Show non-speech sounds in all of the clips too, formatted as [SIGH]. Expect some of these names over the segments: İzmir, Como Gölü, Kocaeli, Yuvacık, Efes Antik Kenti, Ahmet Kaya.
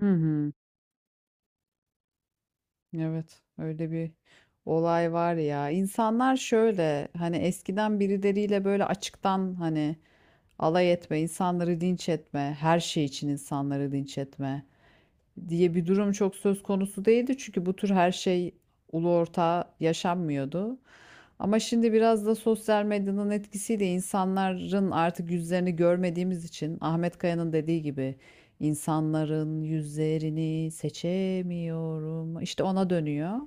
Hı hı. Evet, öyle bir olay var ya. İnsanlar şöyle hani eskiden birileriyle böyle açıktan hani alay etme, insanları dinç etme, her şey için insanları dinç etme diye bir durum çok söz konusu değildi. Çünkü bu tür her şey ulu orta yaşanmıyordu. Ama şimdi biraz da sosyal medyanın etkisiyle insanların artık yüzlerini görmediğimiz için Ahmet Kaya'nın dediği gibi insanların yüzlerini seçemiyorum. İşte ona dönüyor.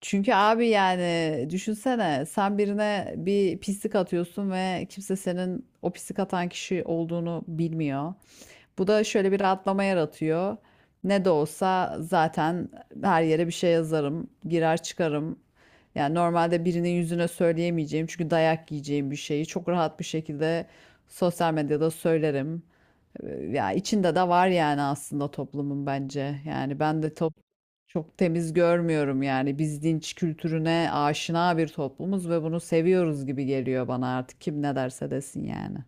Çünkü abi yani düşünsene sen birine bir pislik atıyorsun ve kimse senin o pislik atan kişi olduğunu bilmiyor. Bu da şöyle bir rahatlama yaratıyor. Ne de olsa zaten her yere bir şey yazarım, girer çıkarım. Yani normalde birinin yüzüne söyleyemeyeceğim çünkü dayak yiyeceğim bir şeyi çok rahat bir şekilde sosyal medyada söylerim. Ya içinde de var yani aslında toplumun bence. Yani ben de çok temiz görmüyorum yani. Biz dinç kültürüne aşina bir toplumuz ve bunu seviyoruz gibi geliyor bana artık kim ne derse desin yani.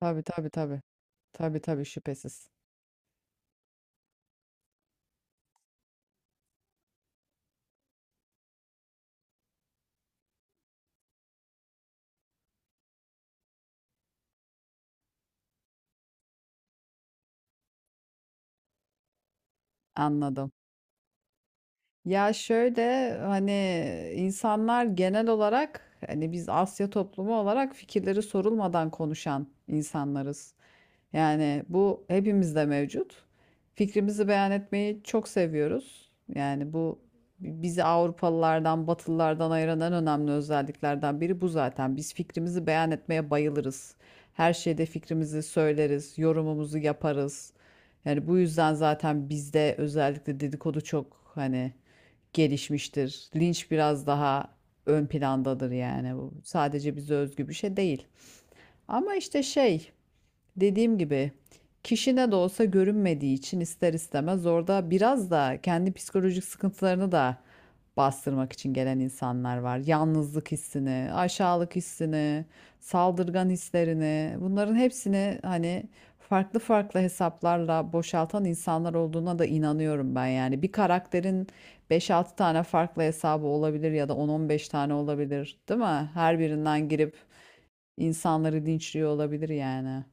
Tabii, tabii, tabii. Tabii, tabii, şüphesiz. Anladım. Ya şöyle hani insanlar genel olarak hani biz Asya toplumu olarak fikirleri sorulmadan konuşan insanlarız. Yani bu hepimizde mevcut. Fikrimizi beyan etmeyi çok seviyoruz. Yani bu bizi Avrupalılardan, Batılılardan ayıran en önemli özelliklerden biri bu zaten. Biz fikrimizi beyan etmeye bayılırız. Her şeyde fikrimizi söyleriz, yorumumuzu yaparız. Yani bu yüzden zaten bizde özellikle dedikodu çok hani gelişmiştir. Linç biraz daha ön plandadır yani bu. Sadece bize özgü bir şey değil. Ama işte dediğim gibi kişine de olsa görünmediği için ister istemez orada biraz da kendi psikolojik sıkıntılarını da bastırmak için gelen insanlar var. Yalnızlık hissini, aşağılık hissini, saldırgan hislerini, bunların hepsini hani farklı farklı hesaplarla boşaltan insanlar olduğuna da inanıyorum ben yani. Bir karakterin beş altı tane farklı hesabı olabilir ya da on on beş tane olabilir, değil mi? Her birinden girip insanları dinçliyor olabilir yani.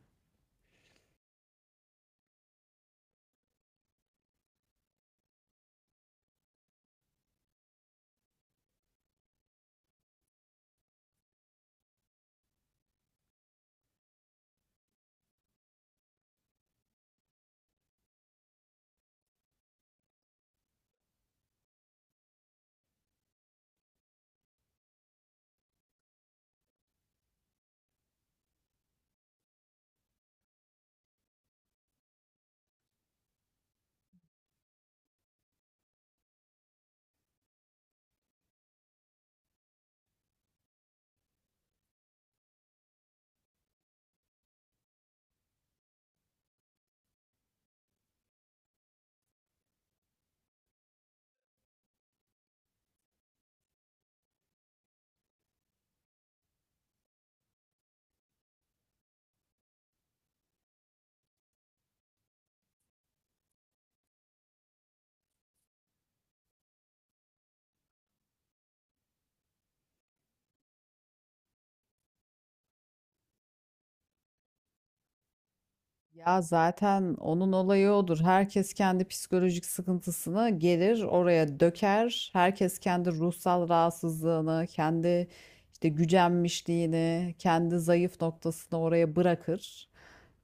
Ya zaten onun olayı odur. Herkes kendi psikolojik sıkıntısını gelir oraya döker. Herkes kendi ruhsal rahatsızlığını, kendi işte gücenmişliğini, kendi zayıf noktasını oraya bırakır.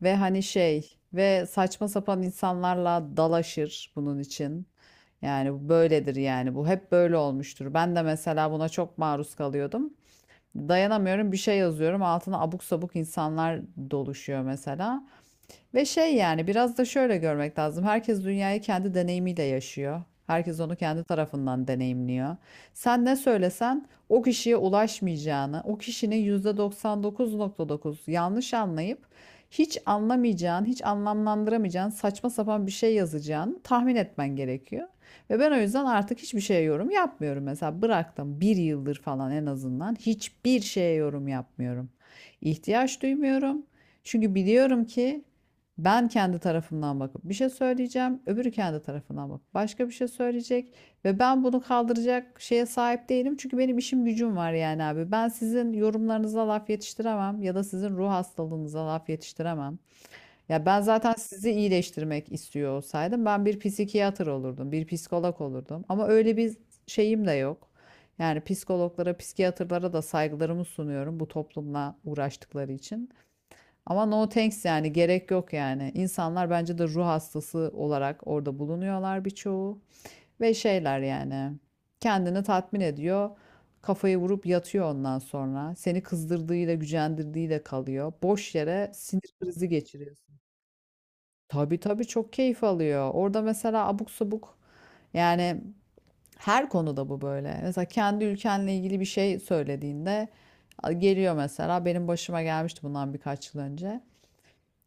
Ve hani ve saçma sapan insanlarla dalaşır bunun için. Yani bu böyledir yani bu hep böyle olmuştur. Ben de mesela buna çok maruz kalıyordum. Dayanamıyorum bir şey yazıyorum altına abuk sabuk insanlar doluşuyor mesela. Ve yani biraz da şöyle görmek lazım. Herkes dünyayı kendi deneyimiyle yaşıyor. Herkes onu kendi tarafından deneyimliyor. Sen ne söylesen o kişiye ulaşmayacağını, o kişinin %99,9 yanlış anlayıp hiç anlamayacağın, hiç anlamlandıramayacağın, saçma sapan bir şey yazacağını tahmin etmen gerekiyor. Ve ben o yüzden artık hiçbir şeye yorum yapmıyorum. Mesela bıraktım bir yıldır falan en azından hiçbir şeye yorum yapmıyorum. İhtiyaç duymuyorum. Çünkü biliyorum ki ben kendi tarafımdan bakıp bir şey söyleyeceğim, öbürü kendi tarafından bakıp başka bir şey söyleyecek ve ben bunu kaldıracak şeye sahip değilim çünkü benim işim gücüm var yani abi. Ben sizin yorumlarınıza laf yetiştiremem ya da sizin ruh hastalığınıza laf yetiştiremem. Ya ben zaten sizi iyileştirmek istiyor olsaydım ben bir psikiyatr olurdum, bir psikolog olurdum ama öyle bir şeyim de yok. Yani psikologlara, psikiyatrlara da saygılarımı sunuyorum bu toplumla uğraştıkları için. Ama no thanks yani gerek yok yani. İnsanlar bence de ruh hastası olarak orada bulunuyorlar birçoğu. Ve yani kendini tatmin ediyor. Kafayı vurup yatıyor ondan sonra. Seni kızdırdığıyla gücendirdiğiyle kalıyor. Boş yere sinir krizi geçiriyorsun. Tabii tabii çok keyif alıyor. Orada mesela abuk sabuk yani her konuda bu böyle. Mesela kendi ülkenle ilgili bir şey söylediğinde geliyor mesela benim başıma gelmişti bundan birkaç yıl önce.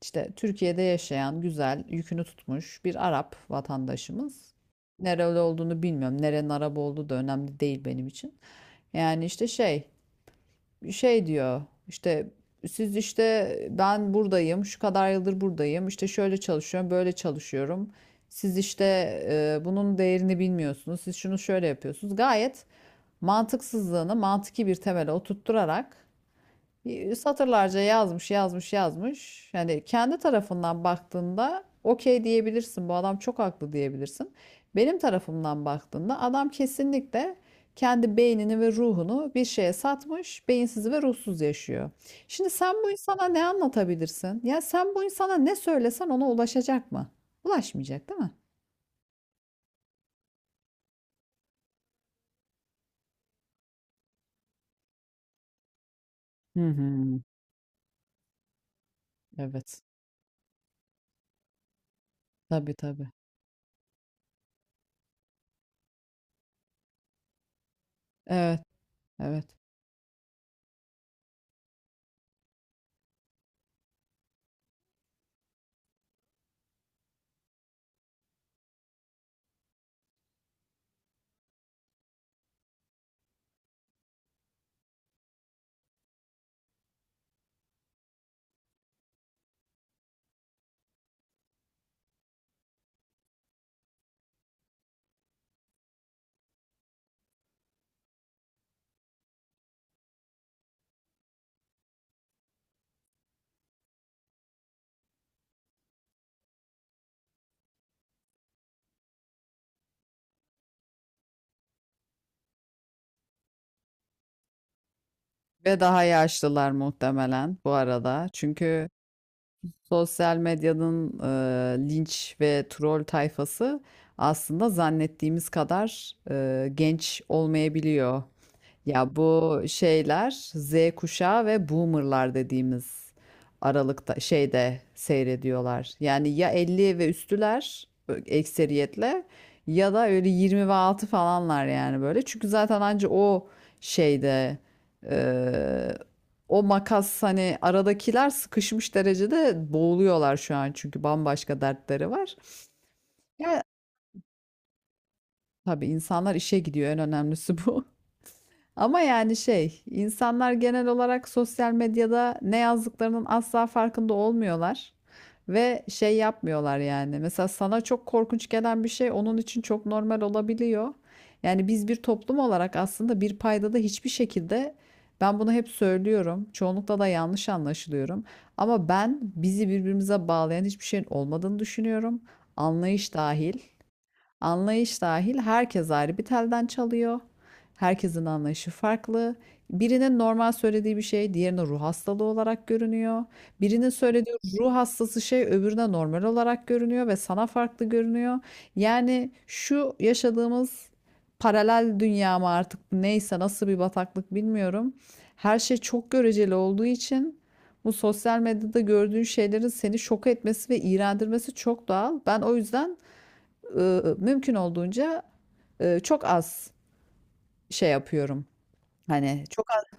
İşte Türkiye'de yaşayan güzel yükünü tutmuş bir Arap vatandaşımız. Nereli olduğunu bilmiyorum. Nerenin Arap olduğu da önemli değil benim için. Yani işte şey diyor işte siz işte ben buradayım şu kadar yıldır buradayım işte şöyle çalışıyorum böyle çalışıyorum. Siz işte bunun değerini bilmiyorsunuz. Siz şunu şöyle yapıyorsunuz. Gayet mantıksızlığını mantıki bir temele oturtturarak satırlarca yazmış, yazmış, yazmış. Yani kendi tarafından baktığında okey diyebilirsin. Bu adam çok haklı diyebilirsin. Benim tarafımdan baktığında adam kesinlikle kendi beynini ve ruhunu bir şeye satmış, beyinsiz ve ruhsuz yaşıyor. Şimdi sen bu insana ne anlatabilirsin? Ya sen bu insana ne söylesen ona ulaşacak mı? Ulaşmayacak, değil mi? Hı hı. Evet. Tabii tabii. Evet, evet. Ve daha yaşlılar muhtemelen bu arada. Çünkü sosyal medyanın linç ve troll tayfası aslında zannettiğimiz kadar genç olmayabiliyor. Ya bu şeyler Z kuşağı ve boomerlar dediğimiz aralıkta şeyde seyrediyorlar. Yani ya 50 ve üstüler ekseriyetle ya da öyle 20 ve altı falanlar yani böyle. Çünkü zaten anca o şeyde e, o makas hani aradakiler sıkışmış derecede boğuluyorlar şu an çünkü bambaşka dertleri var. Ya tabii insanlar işe gidiyor en önemlisi bu. Ama yani insanlar genel olarak sosyal medyada ne yazdıklarının asla farkında olmuyorlar ve şey yapmıyorlar yani. Mesela sana çok korkunç gelen bir şey onun için çok normal olabiliyor. Yani biz bir toplum olarak aslında bir paydada hiçbir şekilde ben bunu hep söylüyorum. Çoğunlukla da yanlış anlaşılıyorum. Ama ben bizi birbirimize bağlayan hiçbir şeyin olmadığını düşünüyorum. Anlayış dahil. Anlayış dahil herkes ayrı bir telden çalıyor. Herkesin anlayışı farklı. Birinin normal söylediği bir şey diğerine ruh hastalığı olarak görünüyor. Birinin söylediği ruh hastası şey öbürüne normal olarak görünüyor ve sana farklı görünüyor. Yani şu yaşadığımız paralel dünya mı artık neyse nasıl bir bataklık bilmiyorum. Her şey çok göreceli olduğu için bu sosyal medyada gördüğün şeylerin seni şok etmesi ve iğrendirmesi çok doğal. Ben o yüzden mümkün olduğunca, çok az şey yapıyorum. Hani çok az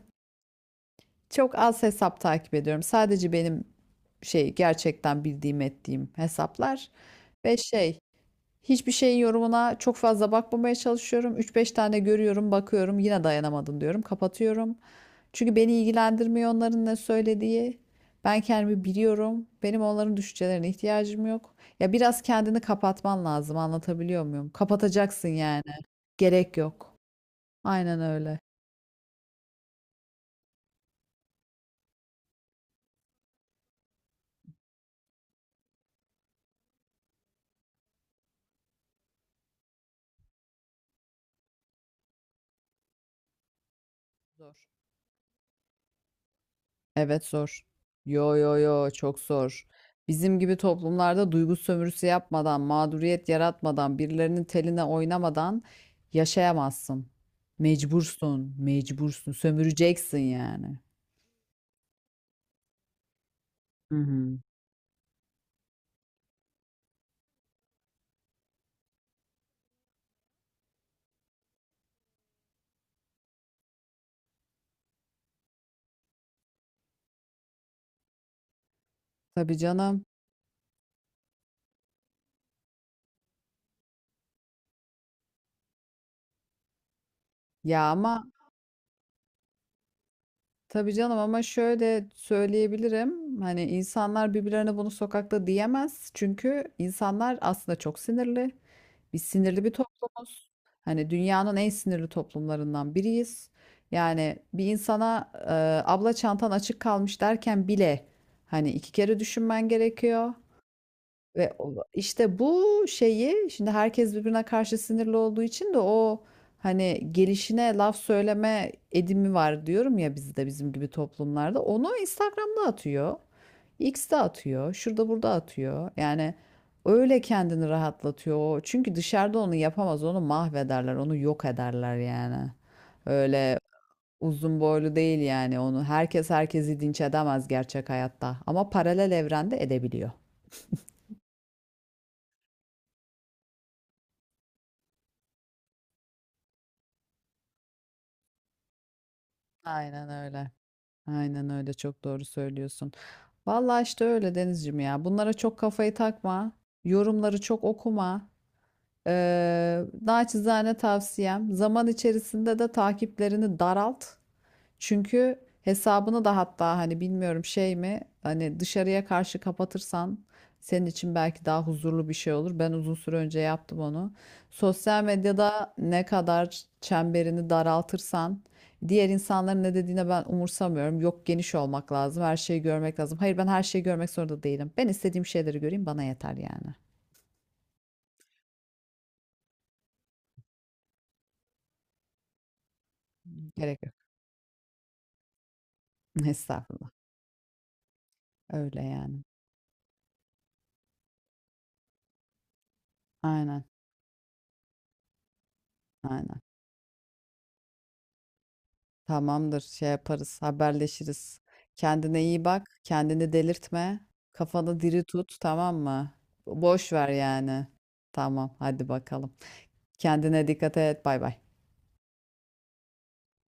çok az hesap takip ediyorum. Sadece benim gerçekten bildiğim ettiğim hesaplar ve hiçbir şeyin yorumuna çok fazla bakmamaya çalışıyorum. Üç beş tane görüyorum, bakıyorum, yine dayanamadım diyorum, kapatıyorum. Çünkü beni ilgilendirmiyor onların ne söylediği. Ben kendimi biliyorum. Benim onların düşüncelerine ihtiyacım yok. Ya biraz kendini kapatman lazım, anlatabiliyor muyum? Kapatacaksın yani. Gerek yok. Aynen öyle. Zor. Evet zor. Yo yo yo çok zor. Bizim gibi toplumlarda duygu sömürüsü yapmadan, mağduriyet yaratmadan, birilerinin teline oynamadan yaşayamazsın. Mecbursun, mecbursun, sömüreceksin yani. Hı hı. Tabii canım. Ya ama tabii canım ama şöyle söyleyebilirim. Hani insanlar birbirlerine bunu sokakta diyemez. Çünkü insanlar aslında çok sinirli. Biz sinirli bir toplumuz. Hani dünyanın en sinirli toplumlarından biriyiz. Yani bir insana abla çantan açık kalmış derken bile hani iki kere düşünmen gerekiyor. Ve o işte bu şeyi şimdi herkes birbirine karşı sinirli olduğu için de o hani gelişine laf söyleme edimi var diyorum ya bizde bizim gibi toplumlarda. Onu Instagram'da atıyor. X'de atıyor. Şurada burada atıyor. Yani öyle kendini rahatlatıyor o. Çünkü dışarıda onu yapamaz. Onu mahvederler. Onu yok ederler yani. Öyle uzun boylu değil yani onu. Herkes herkesi dinç edemez gerçek hayatta. Ama paralel evrende edebiliyor. Aynen öyle. Aynen öyle çok doğru söylüyorsun. Vallahi işte öyle Denizciğim ya. Bunlara çok kafayı takma. Yorumları çok okuma. Naçizane tavsiyem zaman içerisinde de takiplerini daralt. Çünkü hesabını da hatta hani bilmiyorum şey mi hani dışarıya karşı kapatırsan senin için belki daha huzurlu bir şey olur. Ben uzun süre önce yaptım onu. Sosyal medyada ne kadar çemberini daraltırsan diğer insanların ne dediğine ben umursamıyorum. Yok geniş olmak lazım, her şeyi görmek lazım. Hayır ben her şeyi görmek zorunda değilim. Ben istediğim şeyleri göreyim bana yeter yani. Gerek yok. [LAUGHS] Estağfurullah. Öyle yani. Aynen. Aynen. Tamamdır, şey yaparız, haberleşiriz. Kendine iyi bak, kendini delirtme, kafanı diri tut, tamam mı? Boş ver yani. Tamam, hadi bakalım. Kendine dikkat et, bay bay.